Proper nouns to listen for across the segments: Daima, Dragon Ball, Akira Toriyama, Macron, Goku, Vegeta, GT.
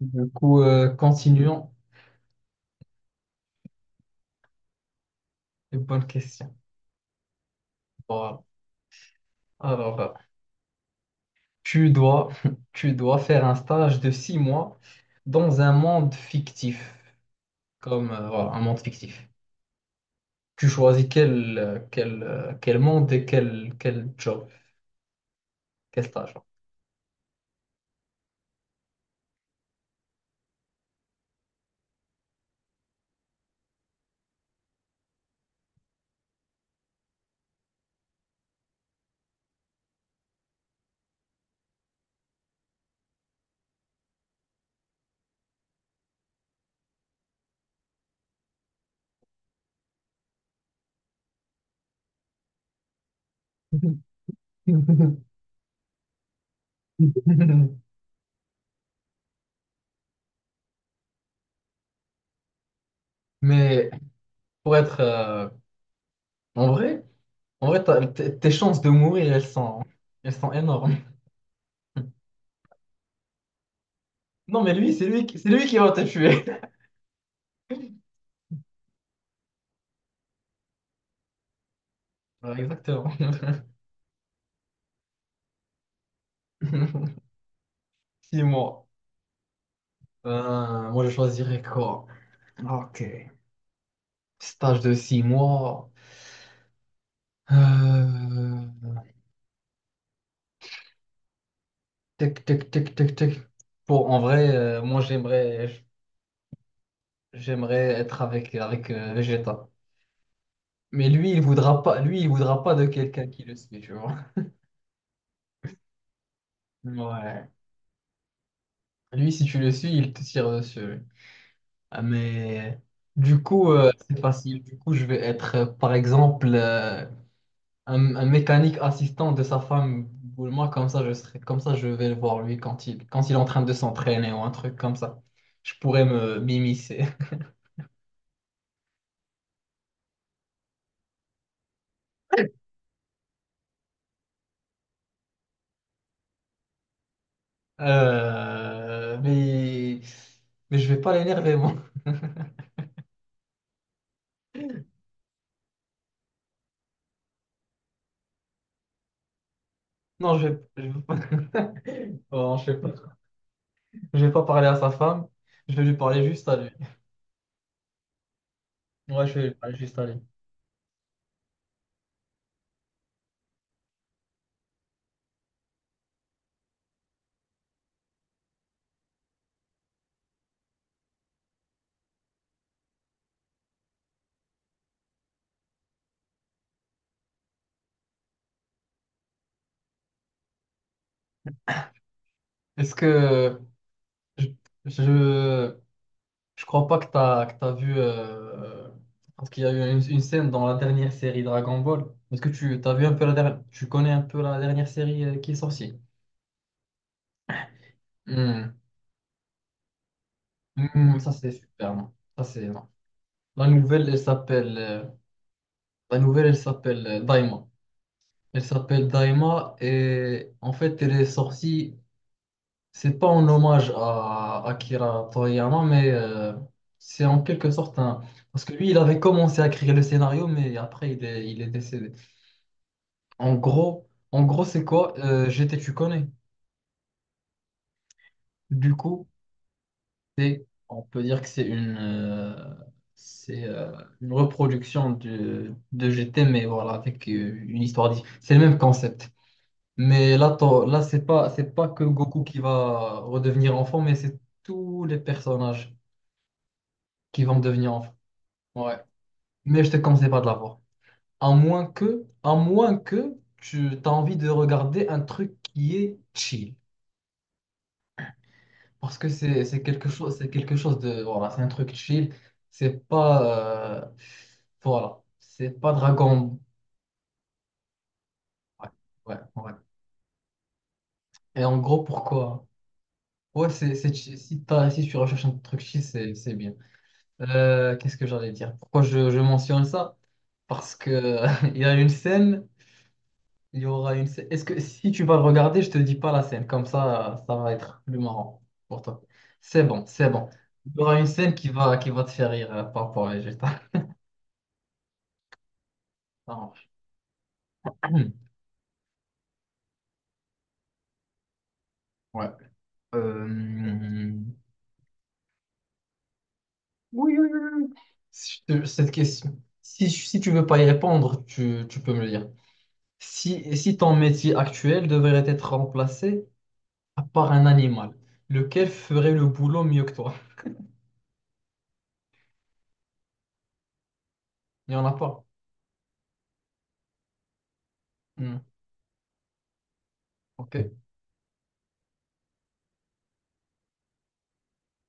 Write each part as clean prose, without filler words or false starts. Continuons. Une bonne question. Voilà. Alors, tu dois, tu dois faire un stage de six mois dans un monde fictif, comme voilà, un monde fictif. Tu choisis quel monde et quel job, quel stage. Mais pour être en vrai, en vrai, tes chances de mourir, elles sont énormes. Non, mais lui, c'est lui qui va te tuer. Voilà, exactement. Six mois. Moi, je choisirais quoi? Ok. Stage de six mois. Euh, Tic, tic, tic, tic, tic. Pour, en vrai, moi, j'aimerais être avec Vegeta. Mais lui, il voudra pas, lui, il voudra pas de quelqu'un qui le suit, tu vois. Ouais. Lui, si tu le suis, il te tire dessus. Ah, mais du coup, c'est facile. Du coup, je vais être, par exemple, un mécanique assistant de sa femme ou moi, comme ça, je serais, comme ça, je vais le voir, lui, quand il est en train de s'entraîner ou un truc comme ça. Je pourrais me m'immiscer. Euh, mais, mais je vais pas l'énerver, moi. Non, je vais pas... Bon, je sais pas. Je vais pas parler à sa femme, je vais lui parler juste à lui. Ouais, je vais lui parler juste à lui. Est-ce que je, je- je crois pas que t'as vu. Parce qu'il y a eu une scène dans la dernière série Dragon Ball. Est-ce que tu t'as vu un peu la dernière. Tu connais un peu la dernière série qui est sortie? Hmm. Hmm, ça, c'est super. Non. Ça, c'est. Non. La nouvelle, elle s'appelle. La nouvelle, elle s'appelle Daima. Elle s'appelle Daima et en fait, elle est sortie. C'est pas en hommage à Akira Toriyama, mais c'est en quelque sorte un. Parce que lui, il avait commencé à écrire le scénario, mais après, il est décédé. En gros, c'est quoi? GT, tu connais. Du coup, c'est, on peut dire que c'est une reproduction de GT, mais voilà, avec une histoire c'est le même concept. Mais là, c'est pas que Goku qui va redevenir enfant, mais c'est tous les personnages qui vont devenir enfants. Ouais. Mais je te conseille pas de la voir. À moins que tu as envie de regarder un truc qui est chill. Parce que c'est quelque chose, c'est quelque chose de, voilà, c'est un truc chill. C'est pas, voilà, c'est pas Dragon. Ouais, ouais, ouais. Et en gros, pourquoi? Ouais, si t'as, si tu recherches un truc chill, c'est bien. Qu'est-ce que j'allais dire? Pourquoi je mentionne ça? Parce que il y a une scène, il y aura une scène. Est-ce que si tu vas le regarder, je te dis pas la scène, comme ça va être plus marrant pour toi. C'est bon, c'est bon. Il y aura une scène qui va te faire rire, par rapport à Vegeta. Hmm, ouais. Euh, si je te- Cette question, si, tu veux pas y répondre, tu peux me le dire. Si, si ton métier actuel devrait être remplacé par un animal, lequel ferait le boulot mieux que toi? Il n'y en a pas. Hmm, ok.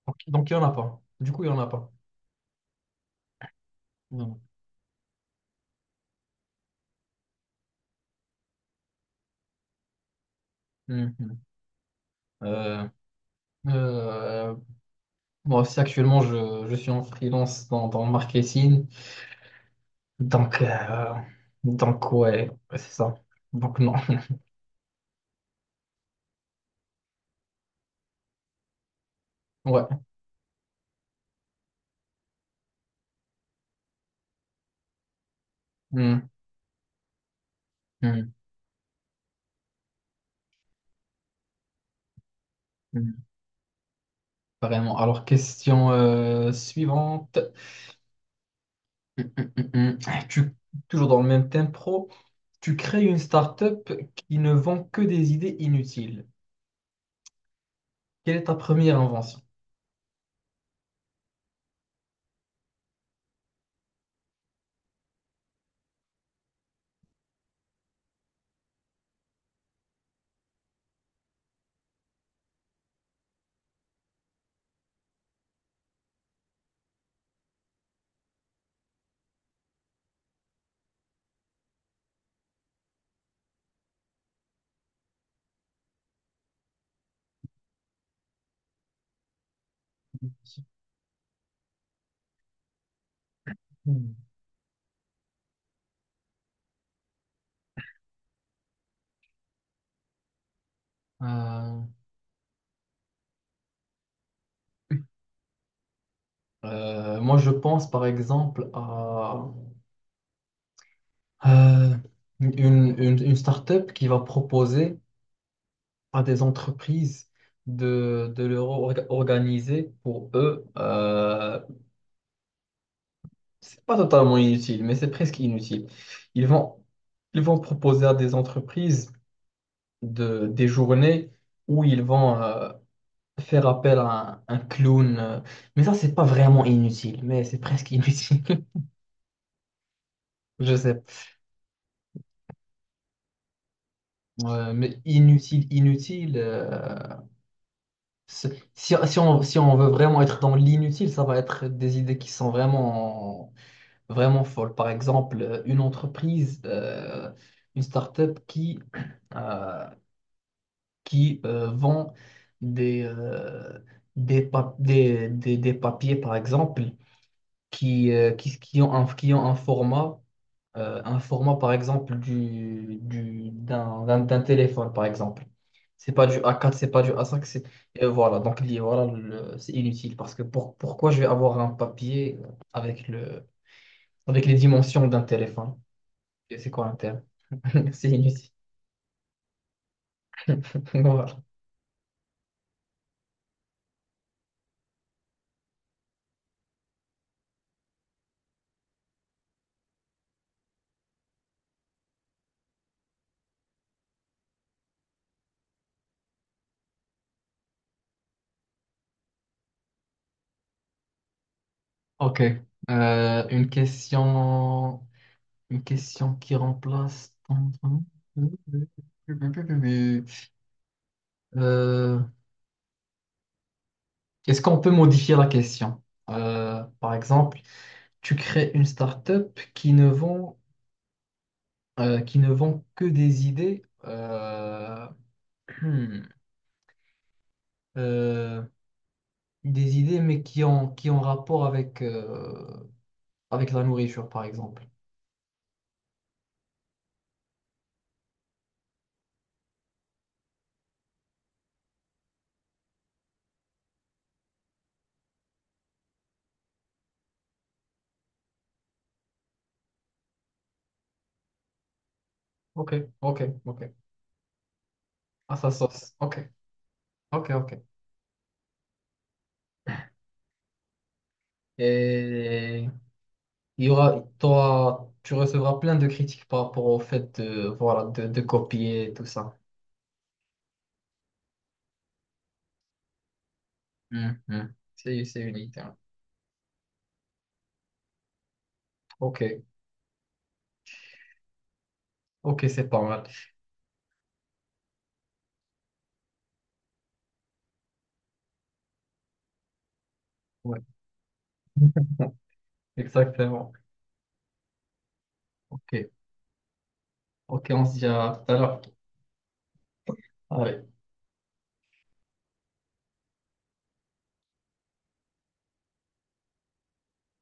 Ok, donc il n'y en a pas. Du coup, il n'y en a pas. Vraiment. Mhm. Euh, euh, Moi aussi, actuellement, je suis en freelance dans le marketing. Donc, euh, donc ouais, c'est ça. Donc non. Ouais. Hmm. Hmm, hmm, vraiment. Alors, question suivante. Hmm, hmm, hmm, hmm. Toujours dans le même thème pro, tu crées une start-up qui ne vend que des idées inutiles. Quelle est ta première invention? Hmm. Euh, Moi, je pense par exemple à euh, une start-up qui va proposer à des entreprises de leur organiser pour eux c'est pas totalement inutile, mais c'est presque inutile. Ils vont, ils vont proposer à des entreprises de, des journées où ils vont faire appel à un clown. Mais ça, c'est pas vraiment inutile, mais c'est presque inutile. Je sais. Pas. Ouais, mais inutile, inutile. Si, si on veut vraiment être dans l'inutile, ça va être des idées qui sont vraiment, vraiment folles. Par exemple, une entreprise, une start-up qui. euh, vend des, des papiers, par exemple, qui ont un format, par exemple, d'un téléphone, par exemple. C'est pas du a quatre c'est pas du a cinq c'est... et voilà, voilà, c'est inutile parce que pourquoi je vais avoir un papier avec le, avec les dimensions d'un téléphone? Et c'est quoi un téléphone? C'est inutile. Voilà. Ok. Une question. Une question qui remplace ton... Euh, est-ce qu'on peut modifier la question? Par exemple, tu crées une start-up qui ne vend que des idées, hmm, euh, des idées, mais qui ont rapport avec, avec la nourriture, par exemple. Ok, ok, ok. Ah, ça sauce. Ok, ok, ok. Et il y aura, tu recevras plein de critiques par rapport au fait de, voilà, de copier tout ça. C'est unique. Hein. Ok, ok, c'est pas mal. Ouais. Exactement. Ok, ok, on se dit à tout à l'heure. Allez.